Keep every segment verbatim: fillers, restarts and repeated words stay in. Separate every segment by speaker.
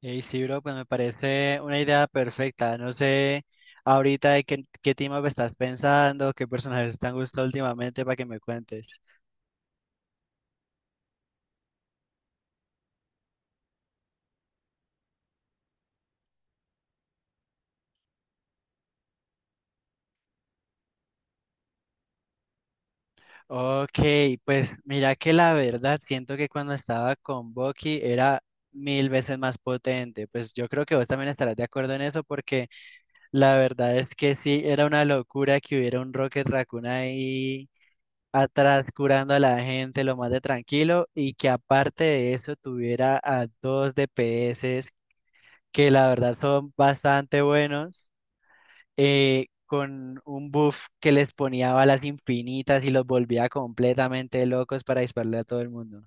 Speaker 1: Hey, sí, bro, pues me parece una idea perfecta. No sé ahorita de qué, qué team up estás pensando, qué personajes te han gustado últimamente para que me cuentes. Ok, pues mira que la verdad siento que cuando estaba con Bucky era mil veces más potente. Pues yo creo que vos también estarás de acuerdo en eso porque la verdad es que sí, era una locura que hubiera un Rocket Raccoon ahí atrás curando a la gente lo más de tranquilo y que aparte de eso tuviera a dos D P S que la verdad son bastante buenos, eh, con un buff que les ponía balas infinitas y los volvía completamente locos para dispararle a todo el mundo.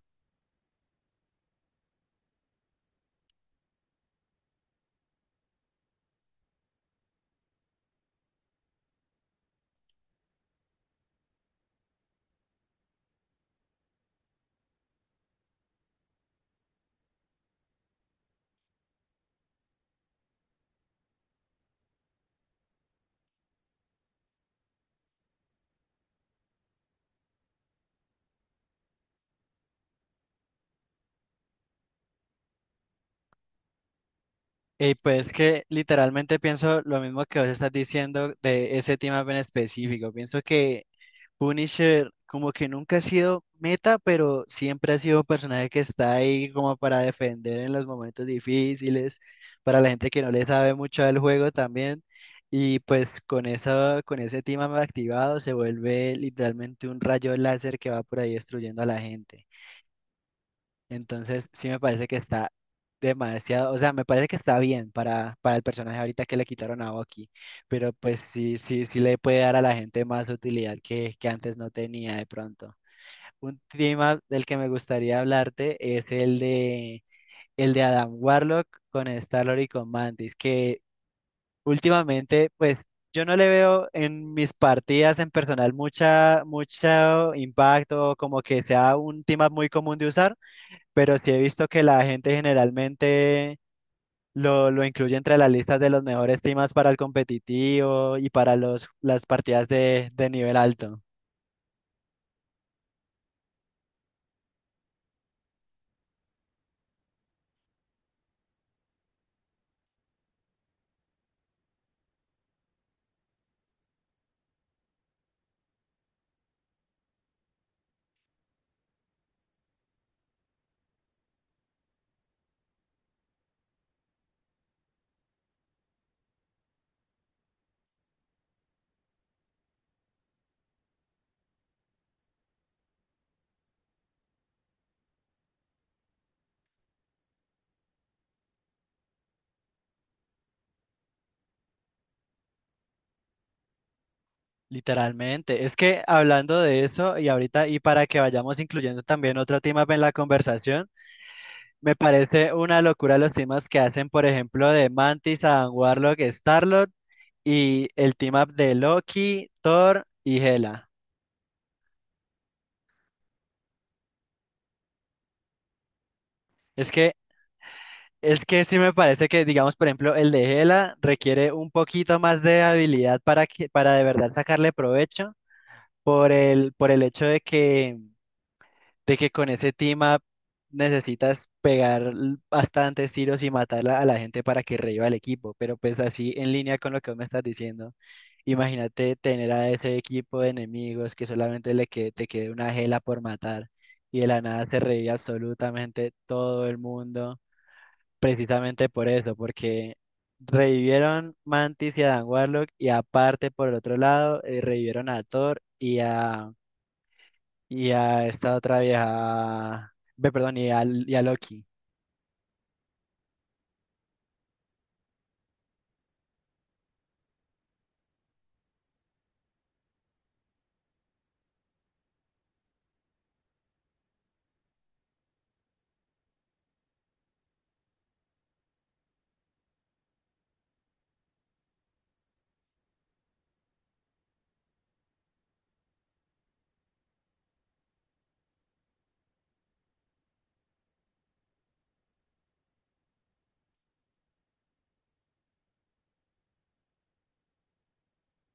Speaker 1: Y pues que literalmente pienso lo mismo que vos estás diciendo de ese team up en específico. Pienso que Punisher como que nunca ha sido meta, pero siempre ha sido un personaje que está ahí como para defender en los momentos difíciles, para la gente que no le sabe mucho del juego también. Y pues con eso, con ese tema activado se vuelve literalmente un rayo láser que va por ahí destruyendo a la gente. Entonces, sí me parece que está demasiado, o sea, me parece que está bien para, para el personaje ahorita que le quitaron a Bucky, pero pues sí, sí, sí le puede dar a la gente más utilidad que, que antes no tenía de pronto. Un tema del que me gustaría hablarte es el de, el de Adam Warlock con Star-Lord y con Mantis, que últimamente, pues, yo no le veo en mis partidas en personal mucha, mucho impacto, como que sea un tema muy común de usar, pero sí he visto que la gente generalmente lo, lo incluye entre las listas de los mejores temas para el competitivo y para los, las partidas de, de nivel alto. Literalmente. Es que hablando de eso y ahorita y para que vayamos incluyendo también otro tema en la conversación, me parece una locura los temas que hacen, por ejemplo, de Mantis, Adam Warlock, Starlord y el team up de Loki, Thor y Hela. Es que Es que sí me parece que, digamos, por ejemplo, el de Gela requiere un poquito más de habilidad para que, para de verdad sacarle provecho por el, por el hecho de que, de que con ese team up necesitas pegar l- bastantes tiros y matar la- a la gente para que reviva el equipo. Pero pues así en línea con lo que vos me estás diciendo, imagínate tener a ese equipo de enemigos que solamente le que, te quede una Gela por matar y de la nada se revive absolutamente todo el mundo. Precisamente por eso, porque revivieron Mantis y a Dan Warlock y aparte por el otro lado eh, revivieron a Thor y a, y a esta otra vieja, ve, perdón, y a, y a Loki.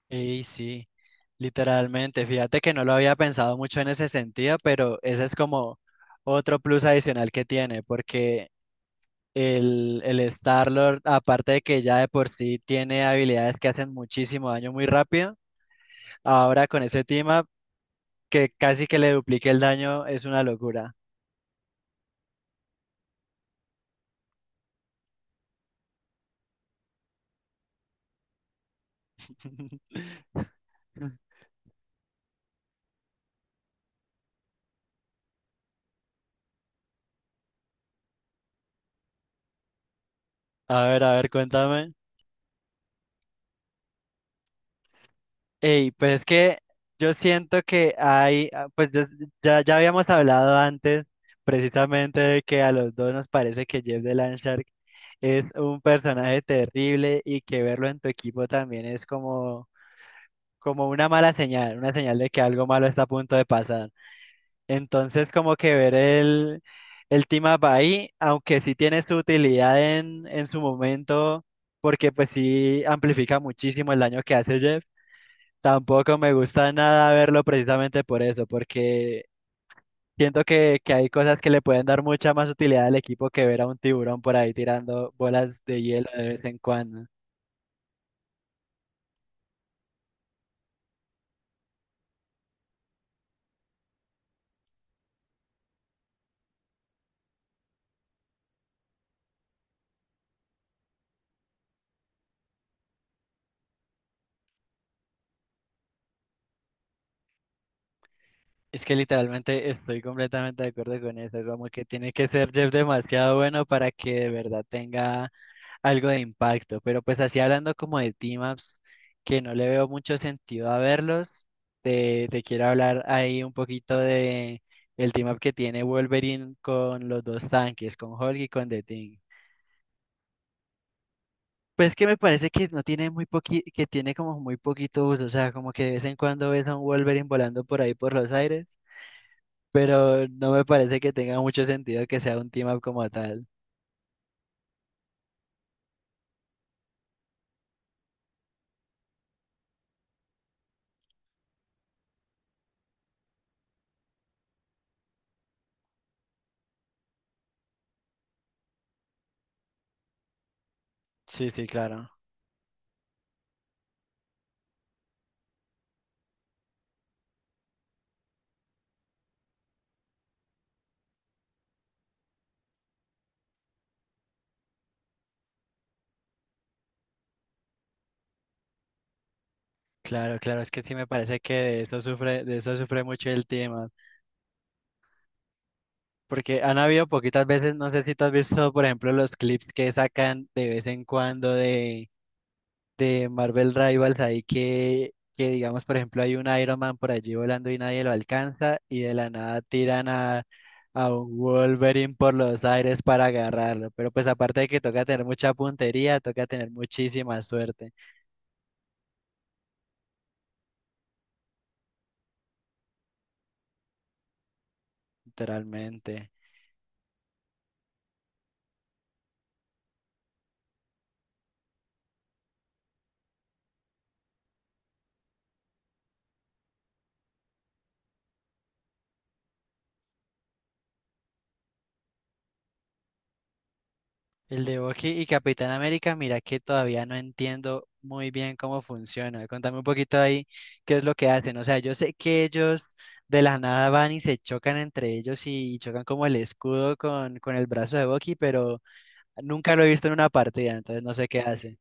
Speaker 1: Y sí, literalmente, fíjate que no lo había pensado mucho en ese sentido, pero ese es como otro plus adicional que tiene, porque el, el Star-Lord, aparte de que ya de por sí tiene habilidades que hacen muchísimo daño muy rápido, ahora con ese team up que casi que le duplique el daño es una locura. A ver, a ver, cuéntame. Ey, pues es que yo siento que hay, ah, pues yo- ya, ya habíamos hablado antes precisamente de que a los dos nos parece que Jeff de Landshark es un personaje terrible y que verlo en tu equipo también es como, como una mala señal, una señal de que algo malo está a punto de pasar. Entonces, como que ver el, el team up ahí, aunque sí tiene su utilidad en, en su momento, porque pues sí amplifica muchísimo el daño que hace Jeff, tampoco me gusta nada verlo precisamente por eso, porque siento que, que hay cosas que le pueden dar mucha más utilidad al equipo que ver a un tiburón por ahí tirando bolas de hielo de vez en cuando. Es que literalmente estoy completamente de acuerdo con eso, como que tiene que ser Jeff demasiado bueno para que de verdad tenga algo de impacto, pero pues así hablando como de team-ups, que no le veo mucho sentido a verlos, te, te quiero hablar ahí un poquito de el team-up que tiene Wolverine con los dos tanques, con Hulk y con The Thing. Pues que me parece que no tiene muy poqui, que tiene como muy poquito uso, o sea, como que de vez en cuando ves a un Wolverine volando por ahí por los aires, pero no me parece que tenga mucho sentido que sea un team-up como tal. Sí, sí, claro. Claro, claro, es que sí me parece que de eso sufre, de eso sufre mucho el team. Porque han habido poquitas veces, no sé si tú has visto, por ejemplo, los clips que sacan de vez en cuando de, de Marvel Rivals ahí que, que digamos, por ejemplo, hay un Iron Man por allí volando y nadie lo alcanza y de la nada tiran a, a un Wolverine por los aires para agarrarlo. Pero pues aparte de que toca tener mucha puntería, toca tener muchísima suerte, literalmente. El de Bucky y Capitán América, mira que todavía no entiendo muy bien cómo funciona. Contame un poquito ahí qué es lo que hacen. O sea, yo sé que ellos de la nada van y se chocan entre ellos y chocan como el escudo con, con el brazo de Bucky, pero nunca lo he visto en una partida, entonces no sé qué hacen.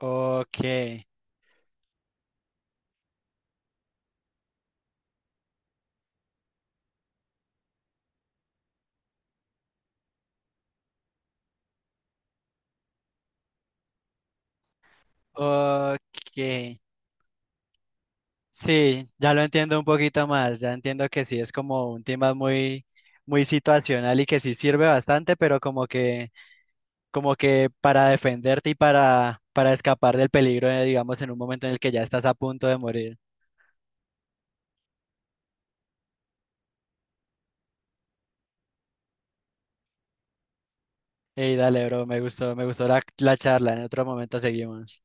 Speaker 1: Ok, ok. Sí, ya lo entiendo un poquito más. Ya entiendo que sí es como un tema muy, muy situacional y que sí sirve bastante, pero como que como que para defenderte y para, para escapar del peligro, eh, digamos, en un momento en el que ya estás a punto de morir. Ey, dale, bro, me gustó, me gustó la, la charla. En otro momento seguimos.